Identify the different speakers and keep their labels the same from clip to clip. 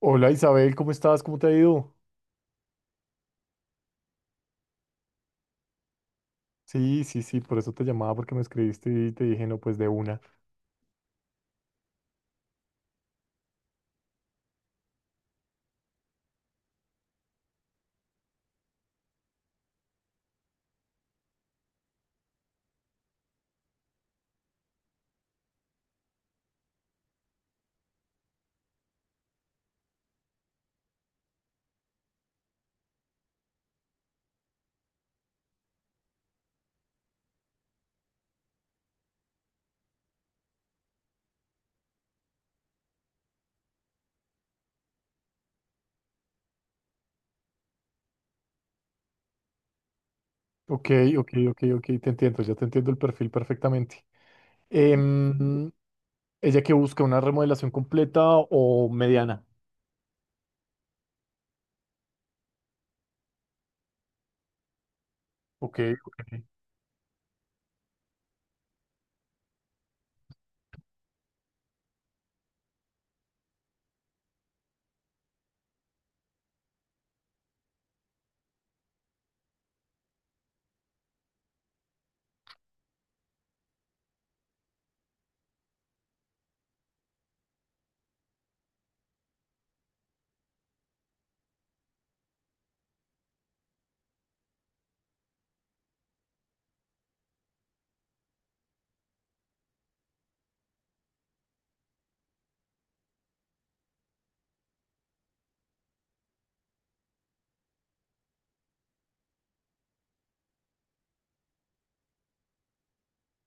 Speaker 1: Hola Isabel, ¿cómo estás? ¿Cómo te ha ido? Sí, sí, sí, por eso te llamaba porque me escribiste y te dije, no, pues de una. Ok, ok, ok, ok, te entiendo, ya te entiendo el perfil perfectamente. Em, ¿Ella que busca una remodelación completa o mediana? Ok, ok,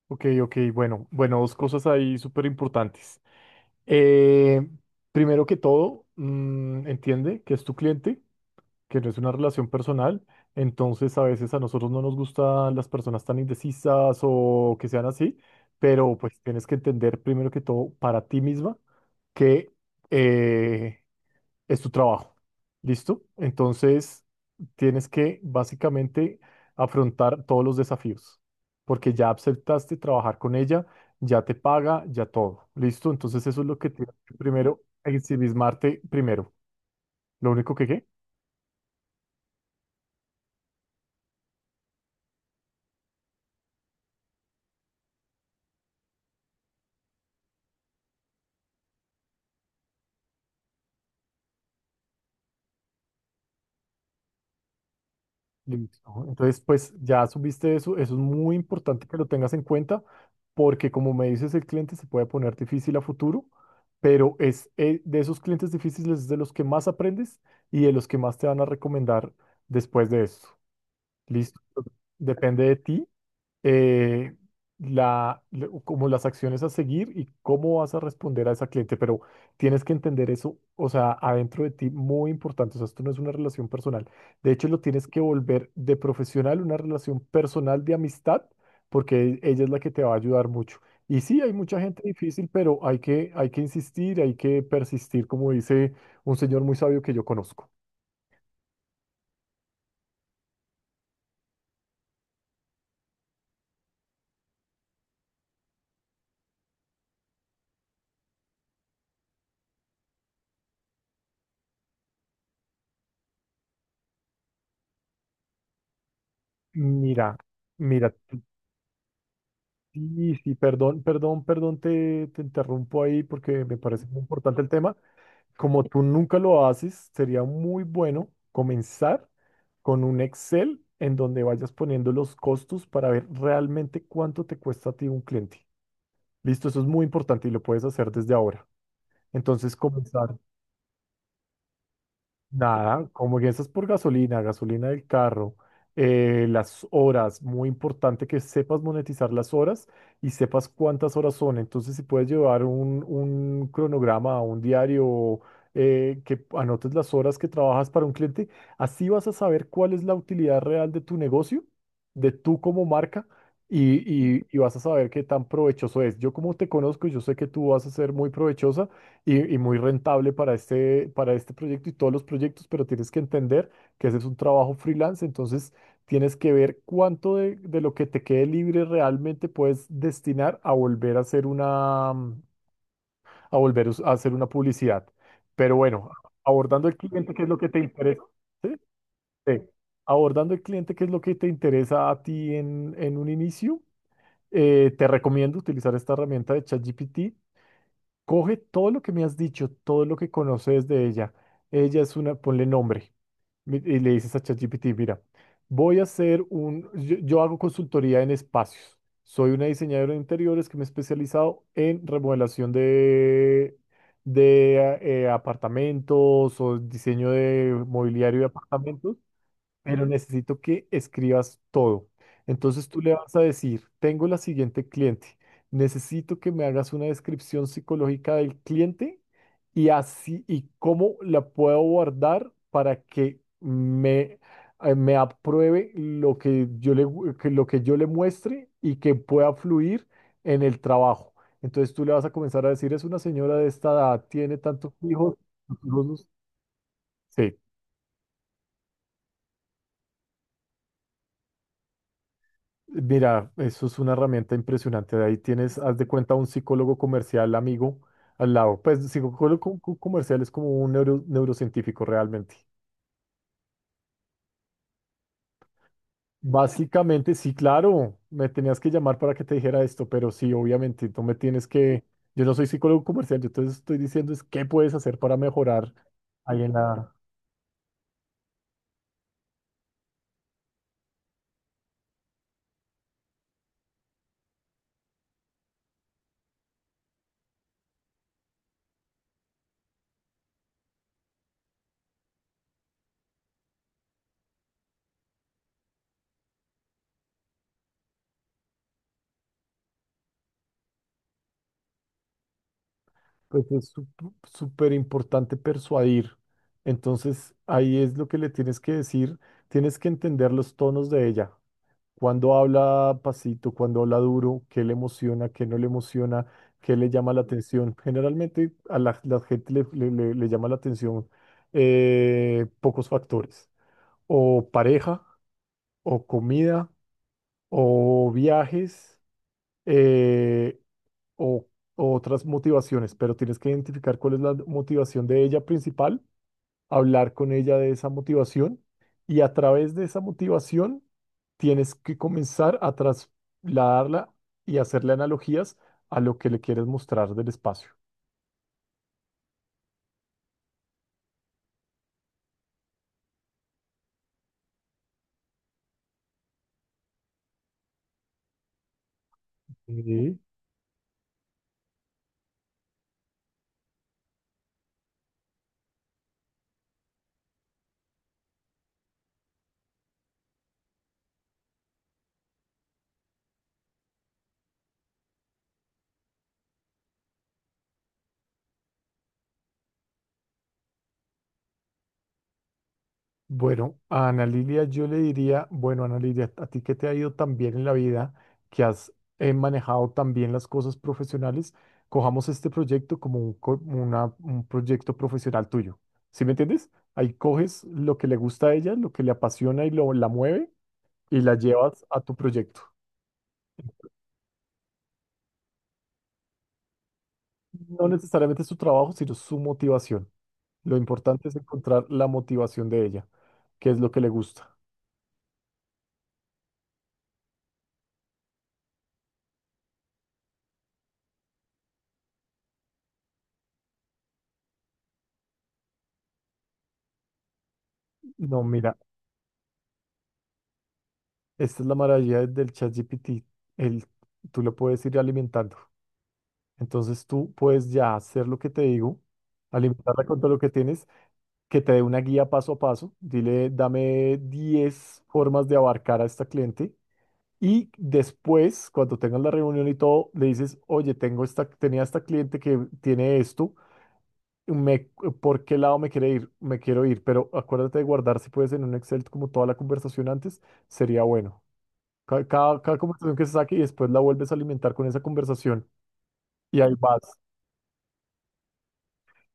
Speaker 1: ok, ok, bueno, bueno, dos cosas ahí súper importantes. Eh, primero que todo, entiende que es tu cliente, que no es una relación personal, entonces a veces a nosotros no nos gustan las personas tan indecisas o que sean así, pero pues tienes que entender primero que todo para ti misma que eh, es tu trabajo, ¿listo? Entonces tienes que básicamente afrontar todos los desafíos, porque ya aceptaste trabajar con ella, ya te paga, ya todo, ¿listo? Entonces eso es lo que tienes que primero, ensimismarte primero. Lo único que, ¿qué? Listo. Entonces, pues ya subiste eso, eso es muy importante que lo tengas en cuenta, porque como me dices, el cliente se puede poner difícil a futuro, pero es de esos clientes difíciles es de los que más aprendes y de los que más te van a recomendar después de eso. Listo. Depende de ti eh, la, como las acciones a seguir y cómo vas a responder a esa cliente, pero tienes que entender eso, o sea, adentro de ti, muy importante, o sea, esto no es una relación personal, de hecho lo tienes que volver de profesional una relación personal de amistad, porque ella es la que te va a ayudar mucho. Y sí, hay mucha gente difícil, pero hay que insistir, hay que persistir, como dice un señor muy sabio que yo conozco. Mira, mira. Sí, sí, perdón, perdón, perdón, te interrumpo ahí porque me parece muy importante el tema. Como tú nunca lo haces, sería muy bueno comenzar con un Excel en donde vayas poniendo los costos para ver realmente cuánto te cuesta a ti un cliente. Listo, eso es muy importante y lo puedes hacer desde ahora. Entonces, comenzar. Nada, como que eso es por gasolina, gasolina del carro, las horas, muy importante que sepas monetizar las horas y sepas cuántas horas son. Entonces, si puedes llevar un cronograma, un diario, que anotes las horas que trabajas para un cliente, así vas a saber cuál es la utilidad real de tu negocio, de tú como marca, y, y vas a saber qué tan provechoso es. Yo como te conozco, yo sé que tú vas a ser muy provechosa y muy rentable para este proyecto y todos los proyectos, pero tienes que entender que ese es un trabajo freelance, entonces tienes que ver cuánto de lo que te quede libre realmente puedes destinar a volver a hacer una, a volver a a hacer una publicidad. Pero bueno, abordando el cliente, ¿qué es lo que te interesa? ¿Sí? Sí. Abordando el cliente, ¿qué es lo que te interesa a ti en un inicio? Te recomiendo utilizar esta herramienta de ChatGPT. Coge todo lo que me has dicho, todo lo que conoces de ella. Ella es una, ponle nombre y le dices a ChatGPT, mira, voy a hacer un, yo hago consultoría en espacios. Soy una diseñadora de interiores que me he especializado en remodelación de apartamentos o diseño de mobiliario de apartamentos, pero necesito que escribas todo. Entonces tú le vas a decir, tengo la siguiente cliente, necesito que me hagas una descripción psicológica del cliente y así y cómo la puedo guardar para que me, me apruebe lo que yo le, que lo que yo le muestre y que pueda fluir en el trabajo. Entonces tú le vas a comenzar a decir, es una señora de esta edad, tiene tantos hijos. Tantos hijos". Sí. Mira, eso es una herramienta impresionante. Ahí tienes, haz de cuenta, un psicólogo comercial amigo al lado. Pues psicólogo comercial es como un neurocientífico realmente. Básicamente, sí, claro, me tenías que llamar para que te dijera esto, pero sí, obviamente, tú me tienes que, yo no soy psicólogo comercial, yo te estoy diciendo es qué puedes hacer para mejorar ahí en la, pues es súper importante persuadir. Entonces, ahí es lo que le tienes que decir, tienes que entender los tonos de ella. Cuando habla pasito, cuando habla duro, qué le emociona, qué no le emociona, qué le llama la atención. Generalmente a la, la gente le, le llama la atención pocos factores, o pareja, o comida, o viajes, eh, o otras motivaciones, pero tienes que identificar cuál es la motivación de ella principal, hablar con ella de esa motivación y a través de esa motivación tienes que comenzar a trasladarla y hacerle analogías a lo que le quieres mostrar del espacio. Y, Bueno, a Ana Lilia yo le diría, bueno, Ana Lilia, a ti que te ha ido tan bien en la vida, que has manejado tan bien las cosas profesionales, cojamos este proyecto como un, un proyecto profesional tuyo. ¿Sí me entiendes? Ahí coges lo que le gusta a ella, lo que le apasiona y lo, la mueve y la llevas a tu proyecto. No necesariamente su trabajo, sino su motivación. Lo importante es encontrar la motivación de ella, qué es lo que le gusta. No, mira, esta es la maravilla del ChatGPT. El, tú lo puedes ir alimentando. Entonces tú puedes ya hacer lo que te digo, alimentarla con todo lo que tienes, que te dé una guía paso a paso. Dile, dame 10 formas de abarcar a esta cliente. Y después, cuando tengas la reunión y todo, le dices, oye, tengo esta, tenía esta cliente que tiene esto, me, ¿por qué lado me quiere ir? Me quiero ir, pero acuérdate de guardar, si puedes, en un Excel como toda la conversación antes, sería bueno. Cada, cada conversación que se saque y después la vuelves a alimentar con esa conversación y ahí vas.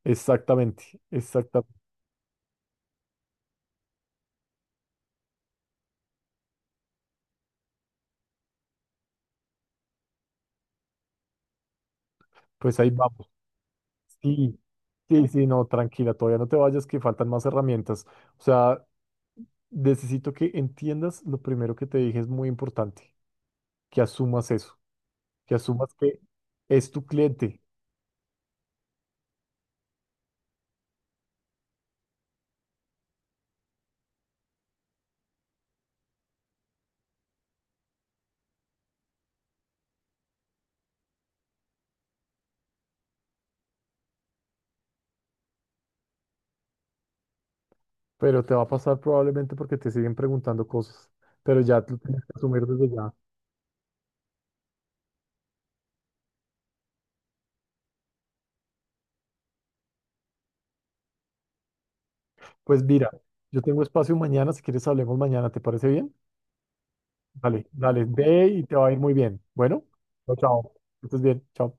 Speaker 1: Exactamente, exactamente. Pues ahí vamos. Sí, sí, sí, no, tranquila, todavía no te vayas, que faltan más herramientas. O sea, necesito que entiendas lo primero que te dije, es muy importante. Que asumas eso, que asumas que es tu cliente, pero te va a pasar probablemente porque te siguen preguntando cosas, pero ya tú tienes que asumir desde ya. Pues mira, yo tengo espacio mañana, si quieres hablemos mañana, ¿te parece bien? Dale, dale, ve y te va a ir muy bien. Bueno, chao, chao. Que estés bien, chao.